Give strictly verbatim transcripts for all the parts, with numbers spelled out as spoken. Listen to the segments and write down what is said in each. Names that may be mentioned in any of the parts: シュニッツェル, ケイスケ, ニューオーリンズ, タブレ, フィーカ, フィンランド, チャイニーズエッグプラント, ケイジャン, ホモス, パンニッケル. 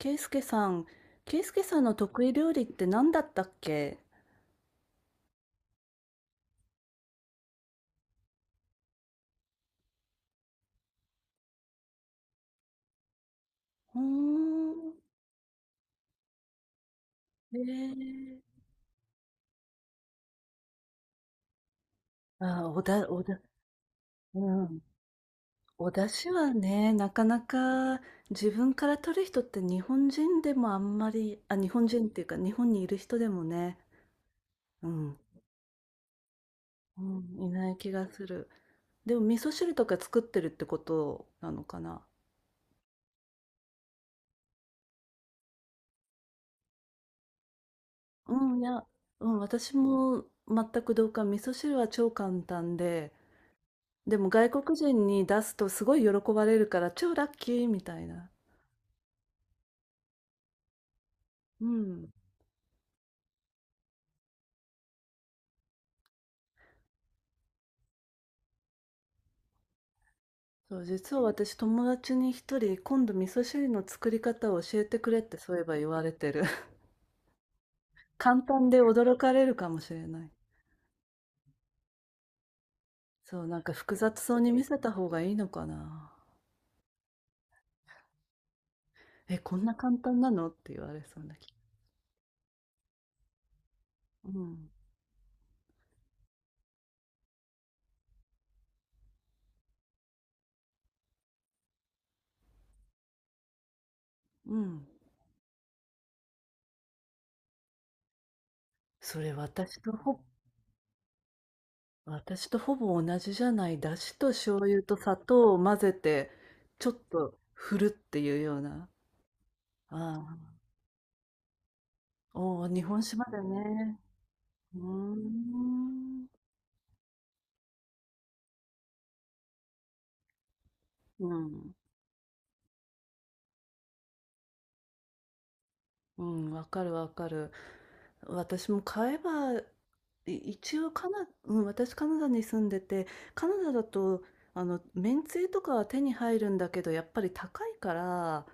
ケイスケさん、ケイスケさんの得意料理って何だったっけ？うーん。ねえー。あ、おだ、おだ、うん。お出汁はね、なかなか自分から取る人って日本人でもあんまり、あ、日本人っていうか日本にいる人でもね、うん、うん、いない気がする。でも味噌汁とか作ってるってことなのかな？うん、いや、うん、私も全く同感。味噌汁は超簡単で、でも外国人に出すとすごい喜ばれるから超ラッキーみたいな。うん。そう、実は私友達に一人今度味噌汁の作り方を教えてくれってそういえば言われてる。簡単で驚かれるかもしれない。そう、なんか複雑そうに見せた方がいいのかな。え、こんな簡単なのって言われそうな気。うん。うん。それ私とほ、私とほぼ同じじゃない。だしと醤油と砂糖を混ぜて、ちょっと振るっていうような。ああ、おお、日本酒までね。うーん。うん。うん、わかるわかる。私も買えば、い一応カナ、うん、私カナダに住んでて、カナダだと、あの、めんつゆとかは手に入るんだけど、やっぱり高いから、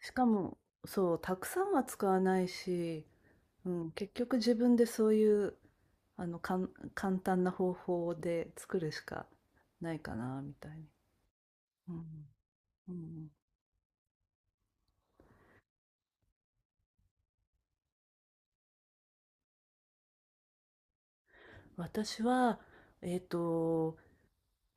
しかも、そう、たくさんは使わないし、うん、結局自分でそういう、あの、かん、簡単な方法で作るしかないかな、みたいに。うん。うん私は、えっと、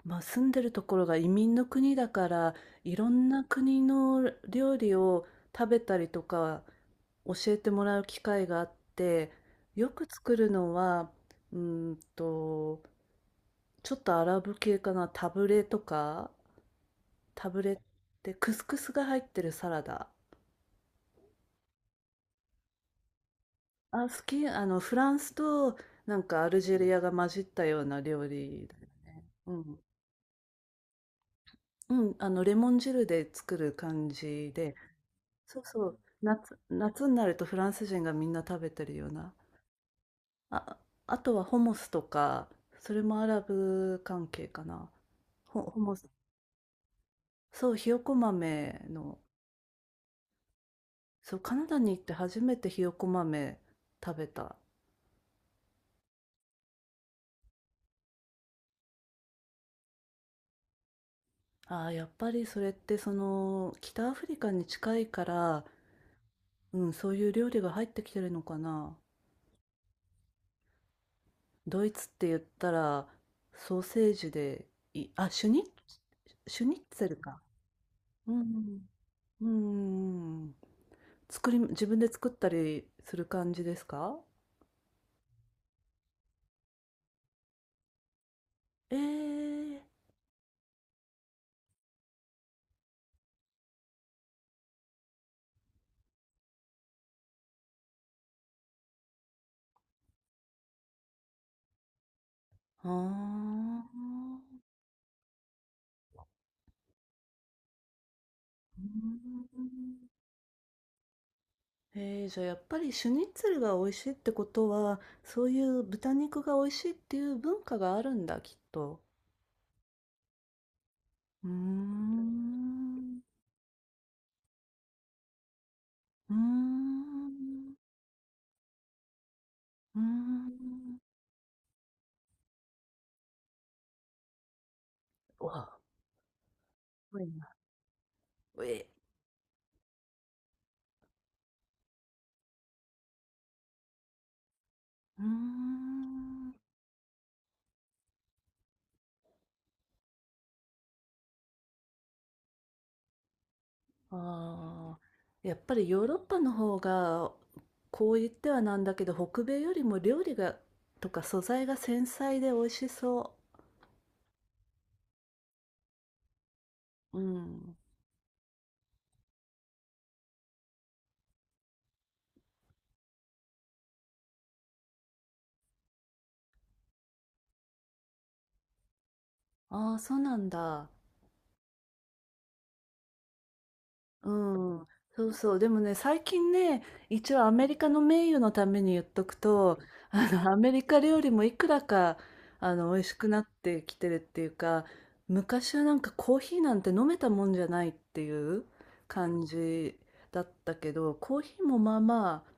まあ、住んでるところが移民の国だから、いろんな国の料理を食べたりとか教えてもらう機会があって、よく作るのは、うーんと、ちょっとアラブ系かな、タブレとか、タブレってクスクスが入ってるサラダ。あ、好き、あの、フランスとなんかアルジェリアが混じったような料理だよね。うん。うん、あの、レモン汁で作る感じで、そうそう、夏、夏になるとフランス人がみんな食べてるような。あ、あとはホモスとか、それもアラブ関係かな。ホ、ホモス。そう、ひよこ豆の、そう、カナダに行って初めてひよこ豆食べた。ああ、やっぱりそれってその、北アフリカに近いから、うん、そういう料理が入ってきてるのかな。ドイツって言ったらソーセージでい、あ、シュニッ、シュニッツェルか。うん。うん。作り、自分で作ったりする感じですか？ええああー。うんえー、じゃあやっぱりシュニッツェルが美味しいってことは、そういう豚肉が美味しいっていう文化があるんだ、きっと。うーん。うーん。うーん。うわ、えうーんああ、やっぱりヨーロッパの方がこう言ってはなんだけど北米よりも料理がとか素材が繊細で美味しそう。うん。ああ、そうなんだ。うん、そうそう。でもね、最近ね、一応アメリカの名誉のために言っとくと、あの、アメリカ料理もいくらか、あの、美味しくなってきてるっていうか、昔はなんかコーヒーなんて飲めたもんじゃないっていう感じだったけど、コーヒーもまあまあ、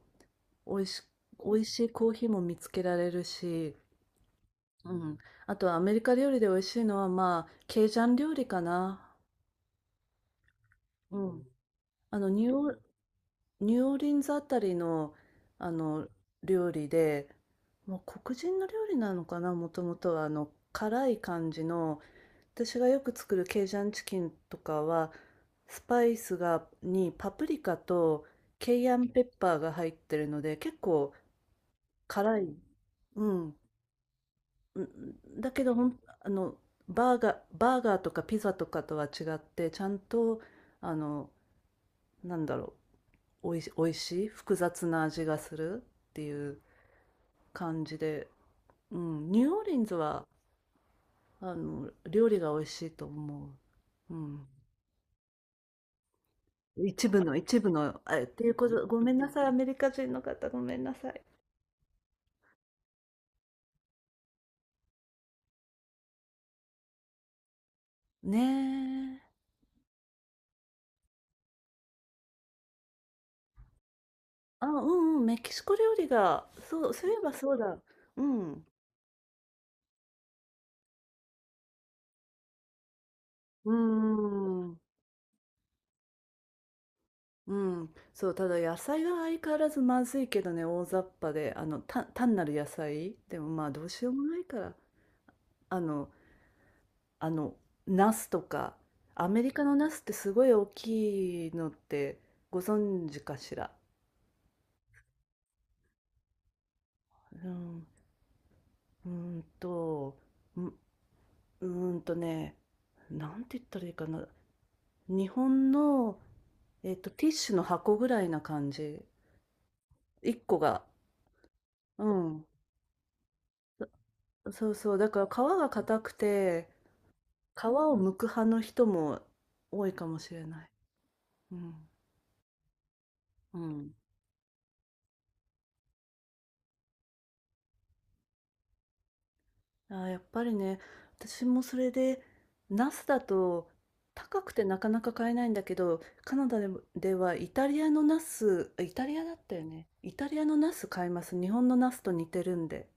美味し、美味しいコーヒーも見つけられるし、うん。あとはアメリカ料理で美味しいのはまあ、ケイジャン料理かな。うん。あの、ニューオーニューオーリンズあたりの、あの料理で、もう黒人の料理なのかな、もともとはあの辛い感じの、私がよく作るケイジャンチキンとかはスパイスがに、パプリカとケイアンペッパーが入ってるので結構辛い、うん、うんだけどほんあのバーガー、バーガーとかピザとかとは違ってちゃんと、あの、なんだろう、おいし、おいしい複雑な味がするっていう。感じで、うん、ニューオーリンズは、あの、料理が美味しいと思う。うん。一部の、一部の、あ、っていうこと、ごめんなさい、アメリカ人の方、ごめんなさい。ねえ。あ、うんうん、メキシコ料理が、そう、そういえばそうだ。うん。うん。うん。そう、ただ野菜が相変わらずまずいけどね、大雑把で、あの、た単なる野菜でもまあどうしようもないから、あの、あの、ナスとか、アメリカのナスってすごい大きいのってご存知かしら。うん、うーんとう、うーんとね、なんて言ったらいいかな。日本の、えっと、ティッシュの箱ぐらいな感じ。いっこが。うん。そそうそう。だから皮が硬くて、皮を剥く派の人も多いかもしれない。うん。うん。あーやっぱりね、私もそれで、ナスだと高くてなかなか買えないんだけど、カナダでも、ではイタリアのナス、あイタリアだったよね。イタリアのナス買います。日本のナスと似てるんで。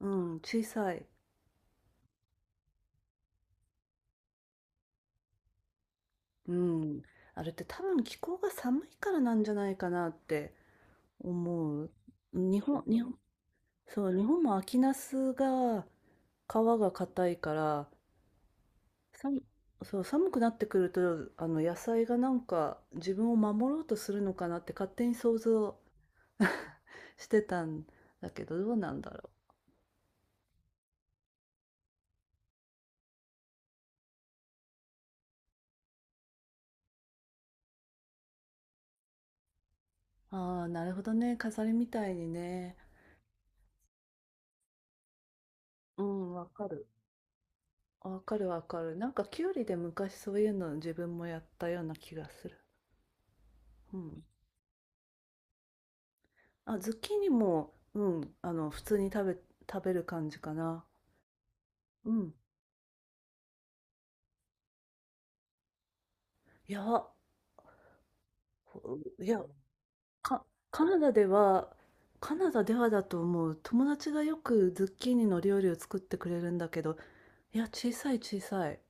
うん、小さい。うん。あれって多分気候が寒いからなんじゃないかなって思う。日本、日本、そう、日本も秋ナスが皮が硬いから、さんそう、寒くなってくると、あの野菜がなんか自分を守ろうとするのかなって勝手に想像 してたんだけど、どうなんだろう。ああ、なるほどね。飾りみたいにね。うん、わかる。わかるわかる。なんかキュウリで昔そういうの自分もやったような気がする。うん。あ、ズッキーニも、うん、あの、普通に食べ、食べる感じかな。うん。いや、ほいや、かカナダでは、カナダではだと思う。友達がよくズッキーニの料理を作ってくれるんだけど、いや、小さい小さい。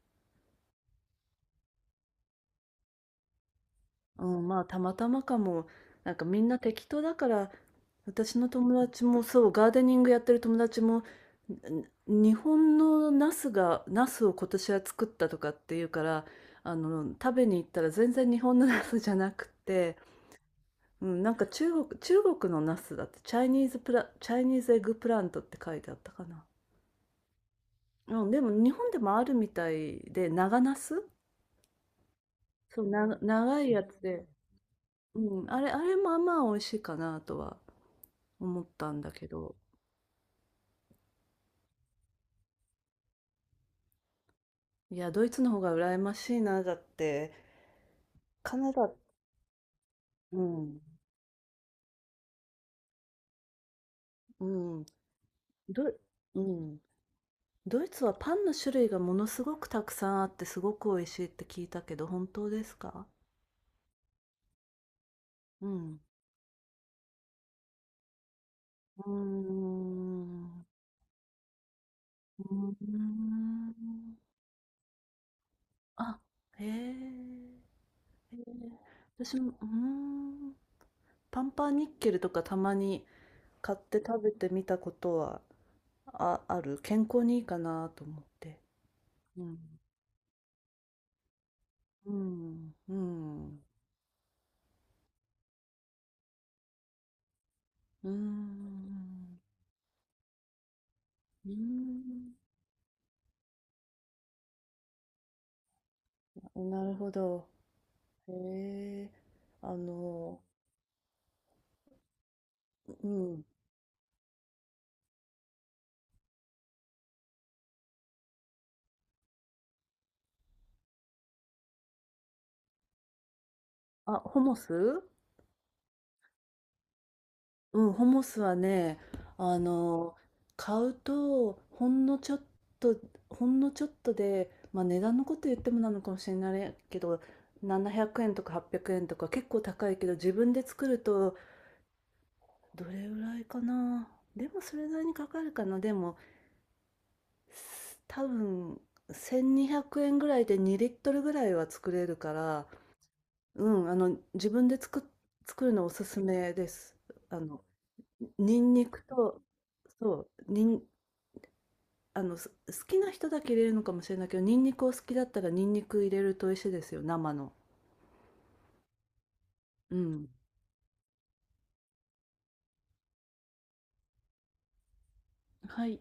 うん、まあ、たまたまかも。なんかみんな適当だから、私の友達もそう、ガーデニングやってる友達も、ん日本のナスが、ナスを今年は作ったとかっていうから、あの、食べに行ったら全然日本のナスじゃなくて、うん、なんか中国、中国のナスだって、チャイニーズプラ、チャイニーズエッグプラントって書いてあったかな。うん、でも日本でもあるみたいで、長茄子？そう、な長いやつで、うん、あれあれもまあまあ美味しいかなとは思ったんだけど、いや、ドイツの方が羨ましいな、だって、カナダ、うん、うん、ど、うん、ドイツはパンの種類がものすごくたくさんあってすごく美味しいって聞いたけど、本当ですか？うん。うーん。うーん。あ、へえ。へえ、私も、うーん、パンパンニッケルとかたまに買って食べてみたことはあ、ある。健康にいいかなと思って。うん。うん。うん。うん。うん。なるほど。へえ。あの、うん。あ、ホモス。うん、ホモスはね、あの、買うと、ほんのちょっと、ほんのちょっとで、まあ値段のこと言ってもなのかもしれないけど、ななひゃくえんとかはっぴゃくえんとか結構高いけど、自分で作ると、どれぐらいかな。でもそれなりにかかるかな。でも、す多分、せんにひゃくえんぐらいでにリットルぐらいは作れるから、うん、あの、自分で作っ、作るのおすすめです。あの、ニンニクと、そう、にん、あの、す好きな人だけ入れるのかもしれないけど、ニンニクを好きだったらニンニク入れると美味しいですよ、生の。うん。はい。